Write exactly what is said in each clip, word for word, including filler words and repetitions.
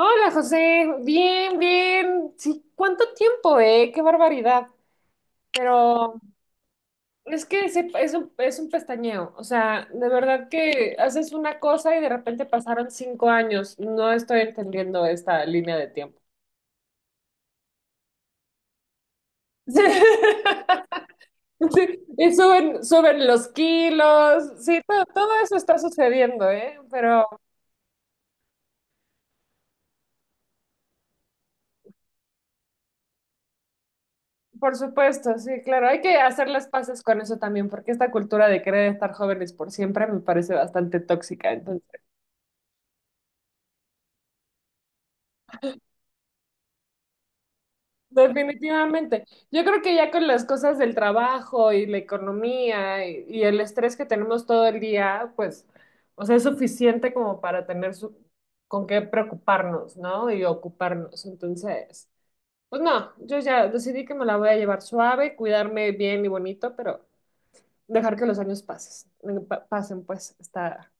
Hola José, bien, bien. Sí, ¿cuánto tiempo, eh? Qué barbaridad. Pero es que ese- es un, es un pestañeo. O sea, de verdad que haces una cosa y de repente pasaron cinco años. No estoy entendiendo esta línea de tiempo. Sí, y suben, suben los kilos. Sí, todo, todo eso está sucediendo, ¿eh? Pero por supuesto, sí, claro, hay que hacer las paces con eso también, porque esta cultura de querer estar jóvenes por siempre me parece bastante tóxica. Entonces. Definitivamente. Yo creo que ya con las cosas del trabajo y la economía y, y el estrés que tenemos todo el día, pues, o sea, es suficiente como para tener su- con qué preocuparnos, ¿no? Y ocuparnos. Entonces, pues no, yo ya decidí que me la voy a llevar suave, cuidarme bien y bonito, pero dejar que los años pases, pa- pasen, pues, está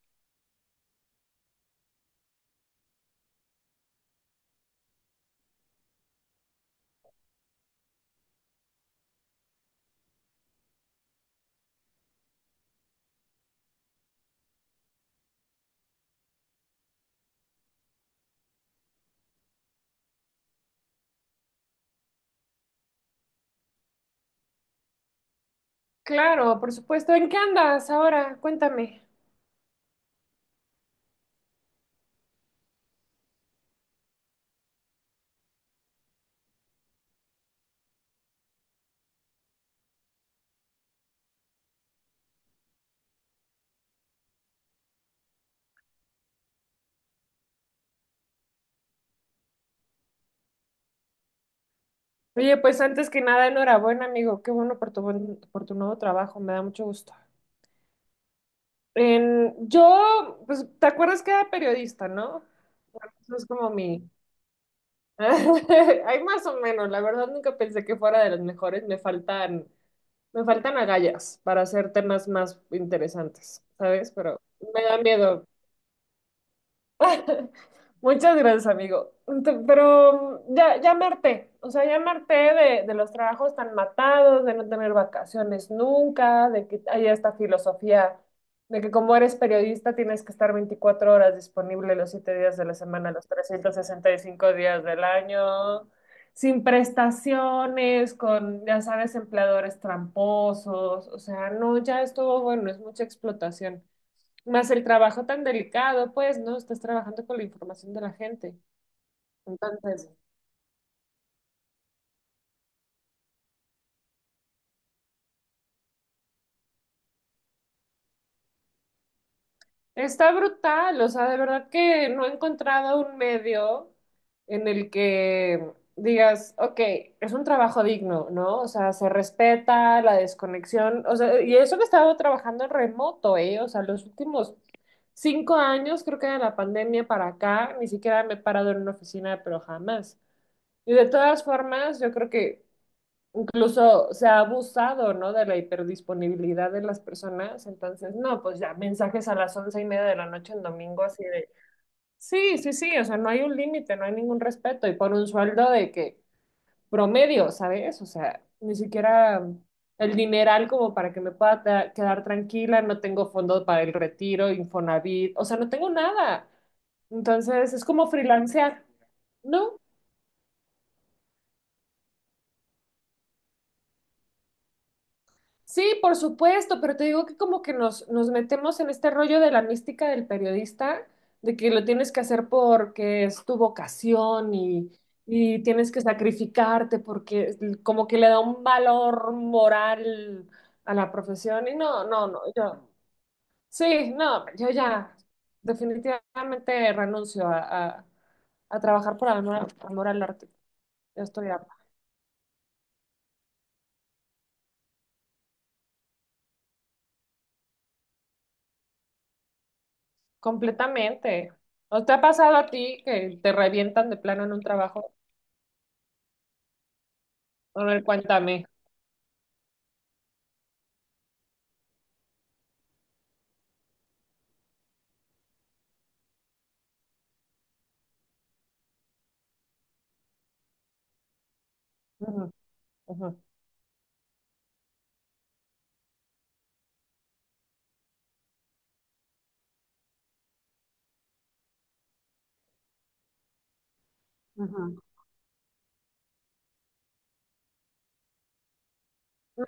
claro, por supuesto. ¿En qué andas ahora? Cuéntame. Oye, pues antes que nada, enhorabuena, amigo. Qué bueno por tu, buen- por tu nuevo trabajo, me da mucho gusto. En, yo, pues, ¿te acuerdas que era periodista, no? Bueno, Eso es como mi... Hay más o menos, la verdad nunca pensé que fuera de los mejores. Me faltan, me faltan agallas para hacer temas más interesantes, ¿sabes? Pero me da miedo. Muchas gracias, amigo. Ent- Pero mm, ya, ya me harté, o sea, ya me harté de, de los trabajos tan matados, de no tener vacaciones nunca, de que haya esta filosofía de que como eres periodista tienes que estar veinticuatro horas disponible los siete días de la semana, los trescientos sesenta y cinco días del año, sin prestaciones, con, ya sabes, empleadores tramposos, o sea, no, ya estuvo bueno, es mucha explotación. Más el trabajo tan delicado, pues, ¿no? Estás trabajando con la información de la gente. Entonces, está brutal. O sea, de verdad que no he encontrado un medio en el que digas, ok, es un trabajo digno, ¿no? O sea, se respeta la desconexión. O sea, y eso que he estado trabajando en remoto, ¿eh? O sea, los últimos cinco años, creo que de la pandemia para acá, ni siquiera me he parado en una oficina, pero jamás. Y de todas formas, yo creo que Incluso se ha abusado, ¿no? De la hiperdisponibilidad de las personas. Entonces, no, pues ya mensajes a las once y media de la noche en domingo, así de, sí, sí, sí, o sea, no hay un límite, no hay ningún respeto. Y por un sueldo de que promedio, ¿sabes? O sea, ni siquiera el dineral como para que me pueda ta- quedar tranquila, no tengo fondo para el retiro, Infonavit, o sea, no tengo nada. Entonces, es como freelancear, ¿no? Sí, por supuesto, pero te digo que como que nos, nos metemos en este rollo de la mística del periodista, de que lo tienes que hacer porque es tu vocación y, y tienes que sacrificarte porque es- como que le da un valor moral a la profesión y no, no, no, yo, sí, no, yo ya definitivamente renuncio a, a- a trabajar por amor, amor al arte, ya estoy harta. Completamente. ¿No te ha pasado a ti que te revientan de plano en un trabajo? A ver, cuéntame. Ujú, ujú. Ajá. No,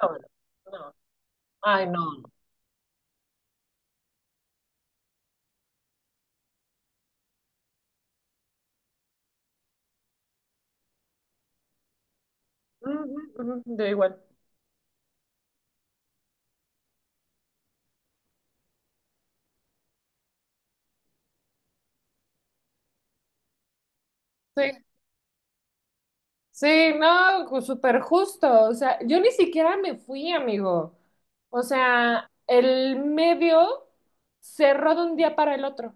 no. Ay, no. Ujú, ujú. Yo igual. Sí. Sí, no, ju- súper justo. O sea, yo ni siquiera me fui, amigo. O sea, el medio cerró de un día para el otro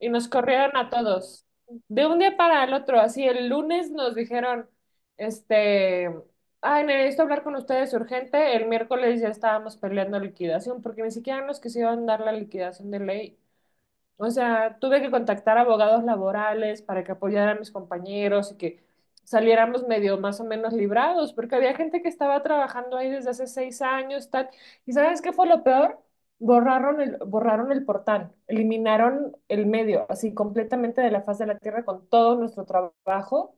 y nos corrieron a todos. De un día para el otro, así el lunes nos dijeron, este, ay, necesito hablar con ustedes urgente. El miércoles ya estábamos peleando liquidación porque ni siquiera nos quisieron dar la liquidación de ley. O sea, tuve que contactar abogados laborales para que apoyaran a mis compañeros y que saliéramos medio más o menos librados, porque había gente que estaba trabajando ahí desde hace seis años, tal. ¿Y sabes qué fue lo peor? Borraron el, borraron el portal, eliminaron el medio, así completamente de la faz de la tierra con todo nuestro trabajo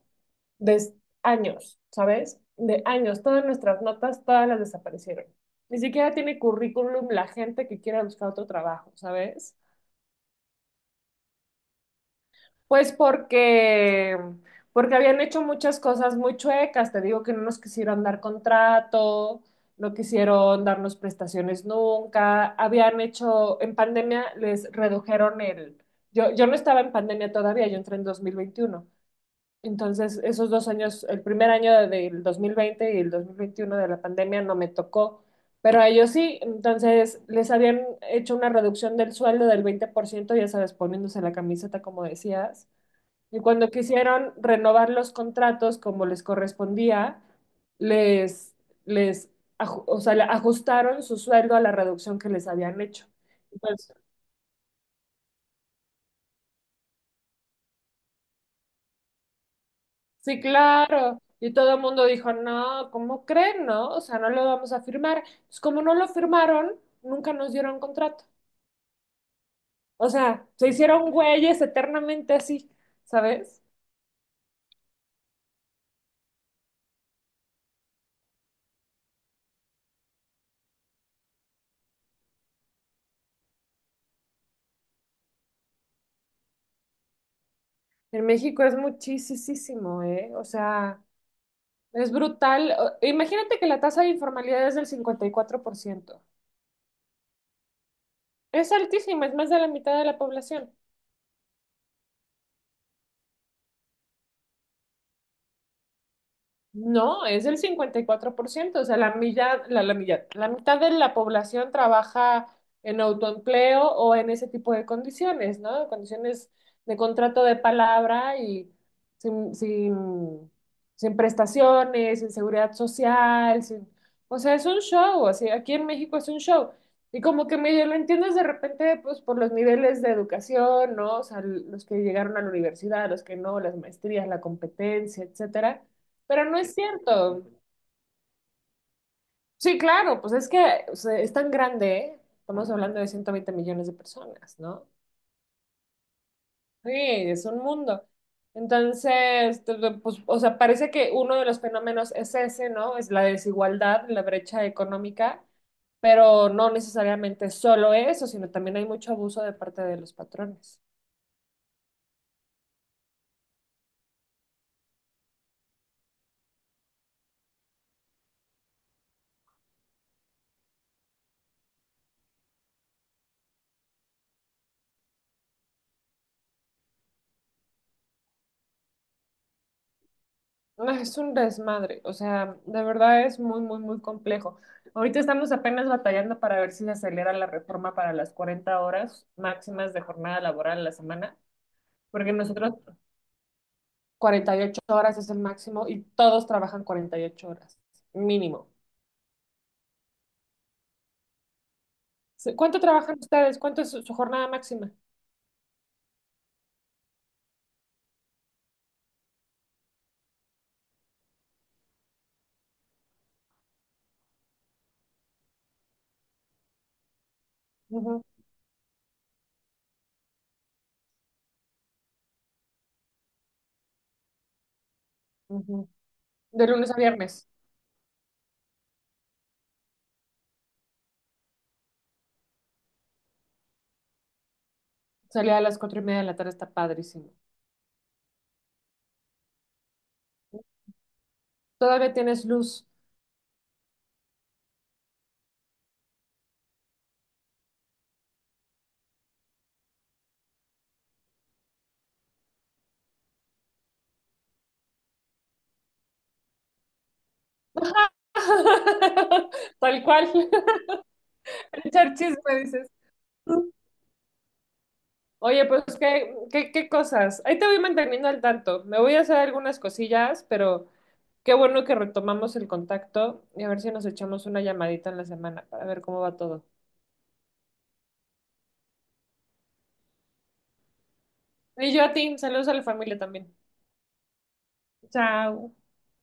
de s- años, ¿sabes? De años, todas nuestras notas, todas las desaparecieron. Ni siquiera tiene currículum la gente que quiera buscar otro trabajo, ¿sabes? Pues porque, porque habían hecho muchas cosas muy chuecas. Te digo que no nos quisieron dar contrato, no quisieron darnos prestaciones nunca. Habían hecho, en pandemia les redujeron el... Yo, yo no estaba en pandemia todavía, yo entré en dos mil veintiuno. Entonces, esos dos años, el primer año de- del dos mil veinte y el dos mil veintiuno de la pandemia no me tocó, pero a ellos sí. Entonces, les habían hecho una reducción del sueldo del veinte por ciento, ya sabes, poniéndose la camiseta como decías. Y cuando quisieron renovar los contratos como les correspondía, les, les, aju- o sea, le ajustaron su sueldo a la reducción que les habían hecho. Entonces, sí, claro. Y todo el mundo dijo, no, ¿cómo creen, no? O sea, no lo vamos a firmar. Pues como no lo firmaron, nunca nos dieron contrato. O sea, se hicieron güeyes eternamente así, ¿sabes? En México es muchísimo, ¿eh? O sea... Es brutal. O- Imagínate que la tasa de informalidad es del cincuenta y cuatro por ciento. Es altísima, es más de la mitad de la población. No, es el cincuenta y cuatro por ciento, o sea, la milla, la, la milla- la mitad de la población trabaja en autoempleo o en ese tipo de condiciones, ¿no? Condiciones de contrato de palabra y sin, sin, sin prestaciones, sin seguridad social, sin... O sea, es un show, así, aquí en México es un show. Y como que medio lo entiendes de repente, pues por los niveles de educación, ¿no? O sea, los que llegaron a la universidad, los que no, las maestrías, la competencia, etcétera, pero no es cierto. Sí, claro, pues es que o sea, es tan grande, ¿eh? Estamos hablando de ciento veinte millones de personas, ¿no? Sí, es un mundo. Entonces, t- t- pues, o sea, parece que uno de los fenómenos es ese, ¿no? Es la desigualdad, la brecha económica, pero no necesariamente solo eso, sino también hay mucho abuso de parte de los patrones. No, Es un desmadre, o sea, de verdad es muy, muy, muy complejo. Ahorita estamos apenas batallando para ver si se acelera la reforma para las cuarenta horas máximas de jornada laboral a la semana, porque nosotros cuarenta y ocho horas es el máximo y todos trabajan cuarenta y ocho horas, mínimo. Se- ¿Cuánto trabajan ustedes? ¿Cuánto es su, su jornada máxima? Ujú, ujú. De lunes a viernes. Salir a las cuatro y media de la tarde está padrísimo. Todavía tienes luz. Tal cual. Echar chisme, dices. Oye, pues qué, qué, qué cosas. Ahí te voy manteniendo al tanto. Me voy a hacer algunas cosillas, pero qué bueno que retomamos el contacto y a ver si nos echamos una llamadita en la semana para ver cómo va todo. Y yo a ti, saludos a la familia también. Chao.